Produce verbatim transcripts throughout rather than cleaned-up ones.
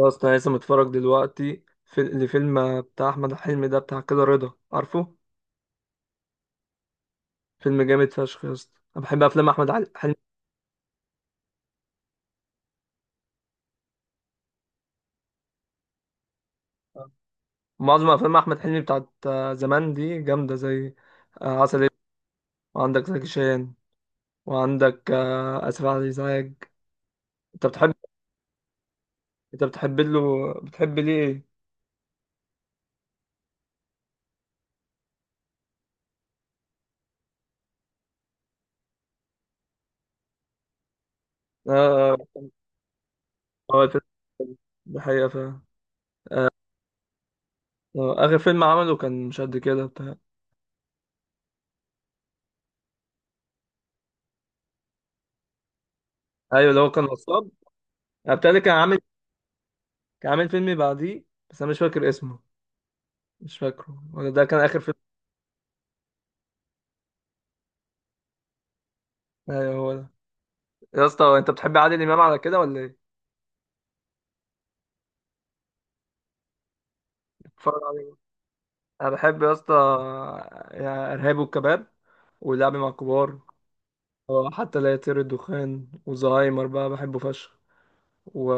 يا اسطى أنا لسه متفرج دلوقتي في لفيلم بتاع احمد حلمي ده بتاع كده رضا عارفه. فيلم جامد فشخ يا اسطى، انا بحب افلام احمد عل- حلمي. معظم افلام احمد حلمي بتاعت آه، زمان دي جامده، زي آه، عسل اسود. وعندك زكي شان. وعندك آه، اسف على الازعاج. انت بتحب؟ انت بتحب له، بتحب ليه ايه؟ اه، آه، الفيلم ده حقيقه فعلا. آه، اخر فيلم عمله كان مش قد كده بتاع. ايوه اللي هو كان نصاب. آه، بتاع ده كان عامل. كان عامل فيلم بعديه. بس انا مش فاكر اسمه. مش فاكره ولا ده كان اخر فيلم. ايوه هو ده. يا اسطى، انت بتحب عادل امام على كده ولا ايه؟ بتتفرج عليه؟ انا بحب يا اسطى. يا ارهاب والكباب. ولعب مع الكبار. اه، حتى لا يطير الدخان وزهايمر بقى بحبه فشخ. و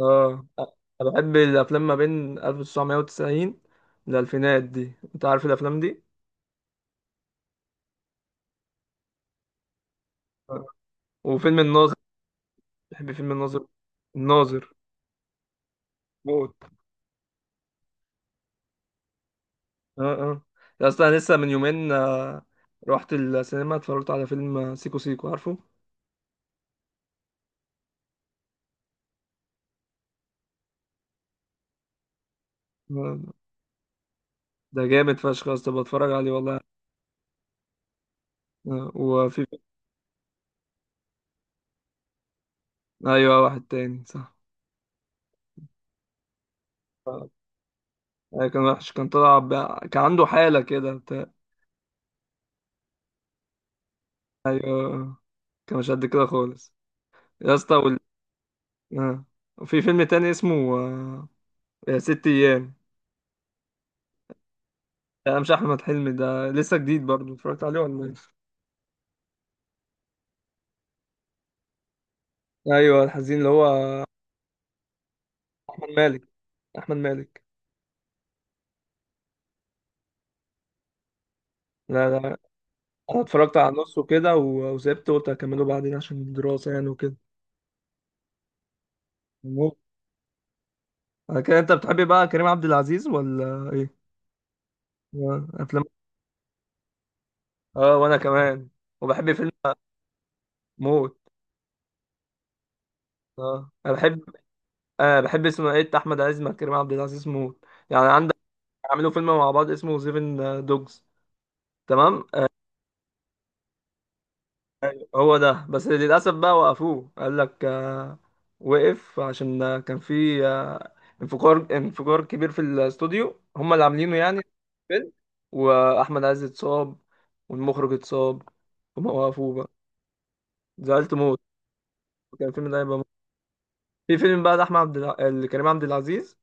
اه انا بحب الافلام ما بين ألف وتسعمائة وتسعين للالفينات دي، انت عارف الافلام دي. اه. وفيلم الناظر. بحب فيلم الناظر. الناظر موت. اه اه، يا اصلا أنا لسه من يومين، آه، رحت السينما اتفرجت على فيلم آه، سيكو سيكو، عارفه؟ آه، ده جامد فشخ يا اسطى، بتفرج عليه والله. آه، وفي. ايوه واحد تاني، صح. آه، كان وحش، كان طلع ب... كان عنده حالة كده بتاع. ايوه، آه، كان مش قد كده خالص. يا اسطى وال... آه. وفي فيلم تاني اسمه، آه، آه، ست ايام. ده مش احمد حلمي، ده لسه جديد برضه، اتفرجت عليه ولا ايه؟ ايوه الحزين اللي هو. احمد مالك. احمد مالك. لا لا، انا اتفرجت على النص وكده و- وسبت، قلت اكمله بعدين عشان الدراسة يعني وكده. مو- على كده انت بتحبي بقى كريم عبد العزيز ولا ايه؟ آه، افلام. اه وانا كمان. وبحب فيلم. موت. اه انا بحب. آه بحب اسمه ايه بتاع احمد عز مع كريم عبد العزيز موت يعني عندك. عملوا فيلم مع بعض اسمه سيفن دوجز. تمام. هو ده بس للأسف بقى وقفوه، قال لك آه، وقف عشان آه، كان في آه، انفجار، انفجار كبير في الاستوديو هم اللي عاملينه يعني. فيلم. وأحمد عز اتصاب. والمخرج اتصاب. هما وقفوه بقى. زعلت موت. كان الفيلم ده هيبقى موت. في فيلم بقى لأحمد عبد الع... آه، كريم عبد العزيز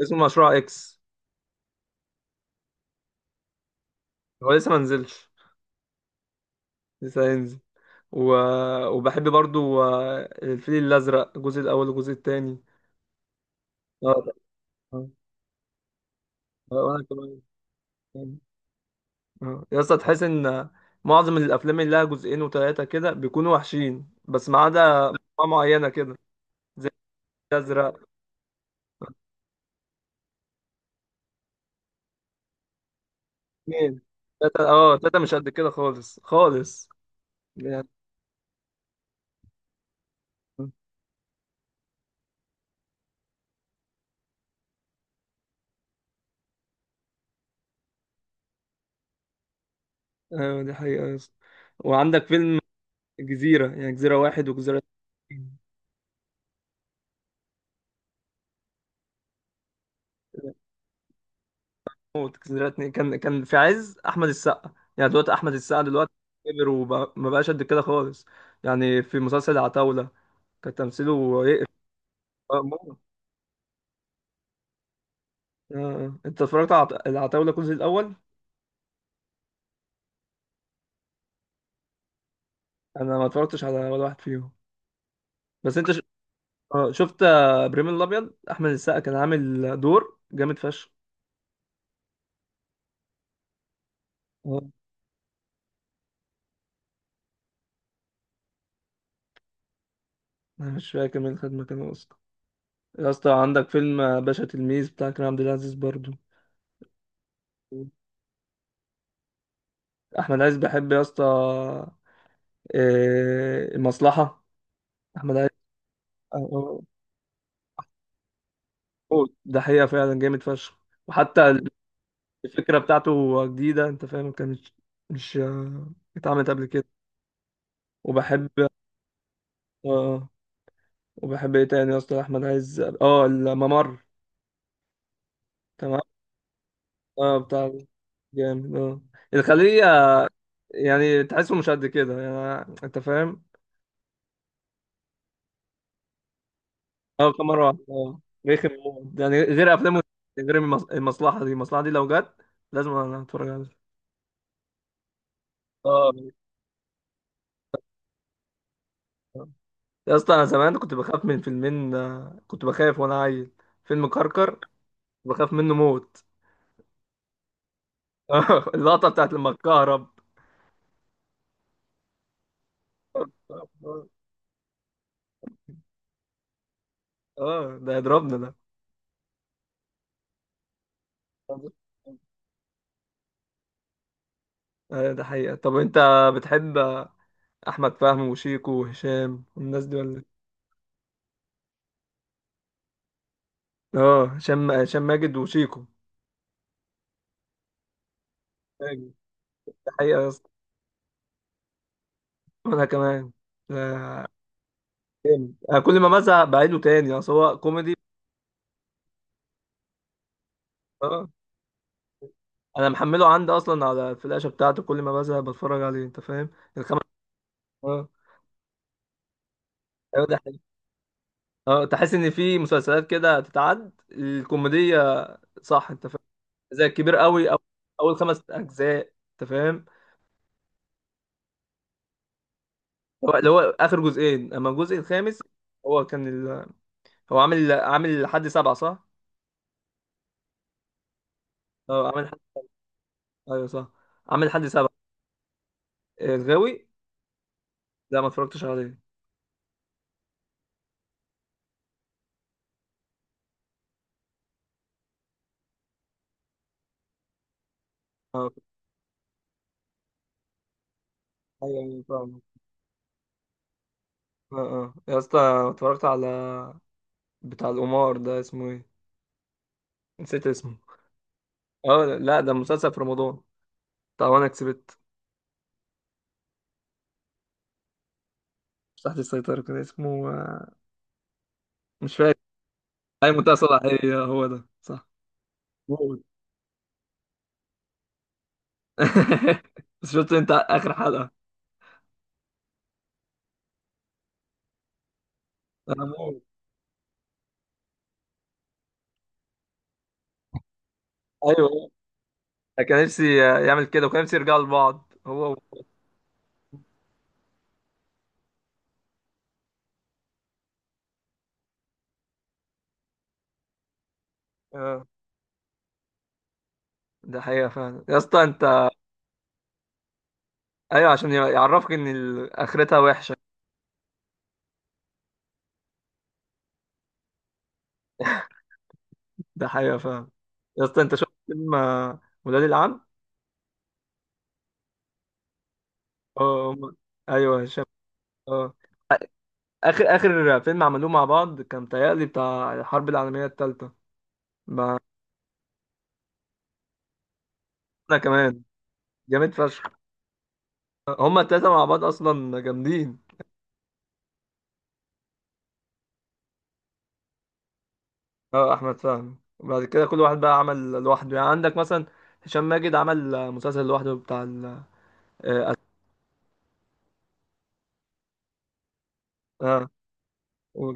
اسمه مشروع إكس. هو لسه ما نزلش. لسه هينزل و... وبحب برضو آه، الفيل الأزرق الجزء الأول والجزء التاني. آه، آه، آه، وأنا كمان. آه. يا اسطى تحس ان معظم الافلام اللي لها جزئين وثلاثه كده بيكونوا وحشين بس ما عدا انواع معينه كده. زي الازرق. اثنين. ثلاثه اه، ثلاثه مش قد كده خالص خالص يعني. ايوه دي حقيقه يا اسطى. وعندك فيلم جزيره، يعني جزيره واحد وجزيره اتنين. موت. جزيره اتنين كان، كان في عز احمد السقا يعني، دلوقتي احمد السقا دلوقتي كبر وما بقاش قد كده خالص يعني. في مسلسل العتاوله كان تمثيله يقرف. آه، موت. آه. آه. انت اتفرجت على عط- العتاولة الجزء الاول؟ انا ما اتفرجتش على ولا واحد فيهم. بس انت ش... آه. شفت آه، ابراهيم الابيض، احمد السقا كان عامل دور جامد فشخ. آه. انا مش فاكر مين خد مكانه اصلا. يا اسطى عندك فيلم آه، باشا تلميذ بتاع كريم عبد العزيز برضو. احمد عز بحب يا اسطى آه، المصلحة. احمد عز آه، آه. ده حقيقة فعلا جامد فشخ. وحتى الفكرة بتاعته جديدة، انت فاهم، كانت مش، مش آه، اتعملت قبل كده. وبحب. اه وبحب ايه تاني يا اسطى؟ احمد عز اه، الممر. تمام. اه بتاع جامد اه الخلية، يعني تحسه مش قد كده يعني انت فاهم. اه كم مرة واحدة اه. رخم موت. يعني غير افلامه، غير المص- المصلحة دي، المصلحة دي لو جت لازم انا اتفرج عليها. اه. يا اسطى انا زمان كنت بخاف من فيلمين، آه، كنت بخاف وانا عيل. فيلم كركر. بخاف منه موت. اللقطة بتاعت لما اتكهرب. اه آه، ده يضربنا. ده ايوه ده حقيقة. طب انت بتحب احمد فهمي وشيكو وهشام والناس دي ولا إيه؟ اه هشام، هشام ماجد وشيكو. ماجد. ده حقيقة يا اسطى. وانا كمان. آه، جامد. انا كل ما بزهق بعيده تاني، اصل هو كوميدي. اه انا محمله عندي اصلا على الفلاشة بتاعته، كل ما بزهق بتفرج عليه انت فاهم. الخمس. اه. ايوه ده حقيقة. اه تحس ان في مسلسلات كده تتعد الكوميدية، صح انت فاهم؟ زي الكبير قوي او. اول خمس اجزاء انت فاهم. هو اللي هو اخر جزئين، اما الجزء الخامس، هو كان ال... هو عامل، عامل لحد سبعة صح؟ اه عامل حد... ايوه صح، عامل لحد سبعة. آه، الغاوي. لا ما اتفرجتش عليه. اه. ايوه أيوة، فاهم. اه اه يا اسطى، اتفرجت على بتاع القمار ده، اسمه ايه؟ نسيت اسمه. اه لا ده مسلسل في رمضان، بتاع وانا كسبت. مش تحت السيطرة كان اسمه، آه، مش فاكر. اي منتهى صلاحية هو ده صح. موت. بس شفت انت اخر حلقة؟ انا موت. ايوه كان نفسي يعمل كده، وكان نفسي يرجعوا لبعض هو و... آه. ده حقيقة فعلا يا اسطى انت. ايوه عشان يعرفك ان ال- اخرتها وحشة. ده حقيقة فعلا. يا اسطى انت شفت فيلم آه، ولاد العم؟ اه هم- ايوه هشام. اه، اخر، اخر فيلم عملوه مع بعض كان تهيألي بتاع الحرب العالمية التالتة مع. انا كمان. جامد فشخ. هما التلاتة مع بعض اصلا جامدين. اه احمد فهمي، وبعد كده كل واحد بقى عمل لوحده يعني، عندك مثلا هشام ماجد عمل مسلسل لوحده بتاع ال- آه، اه قول.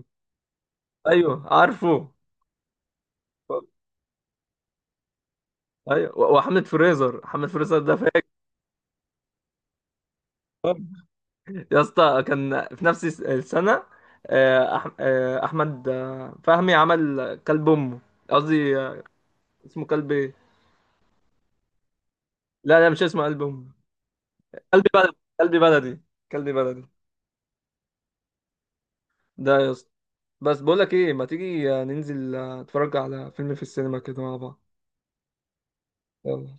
ايوه عارفه. ايوه و- وحملة فريزر، حملة فريزر ده فاكر. يا اسطى كان في نفس الس- السنة، آه، أح... آه، احمد آه، فهمي عمل كلب امه، قصدي آه، اسمه كلب ايه. لا لا مش اسمه كلب امه. كلب بلدي. كلب بلدي. كلب بلدي ده يا اسطى. بس بقول لك ايه، ما تيجي آه، ننزل آه، نتفرج على فيلم في السينما كده مع بعض. يلا.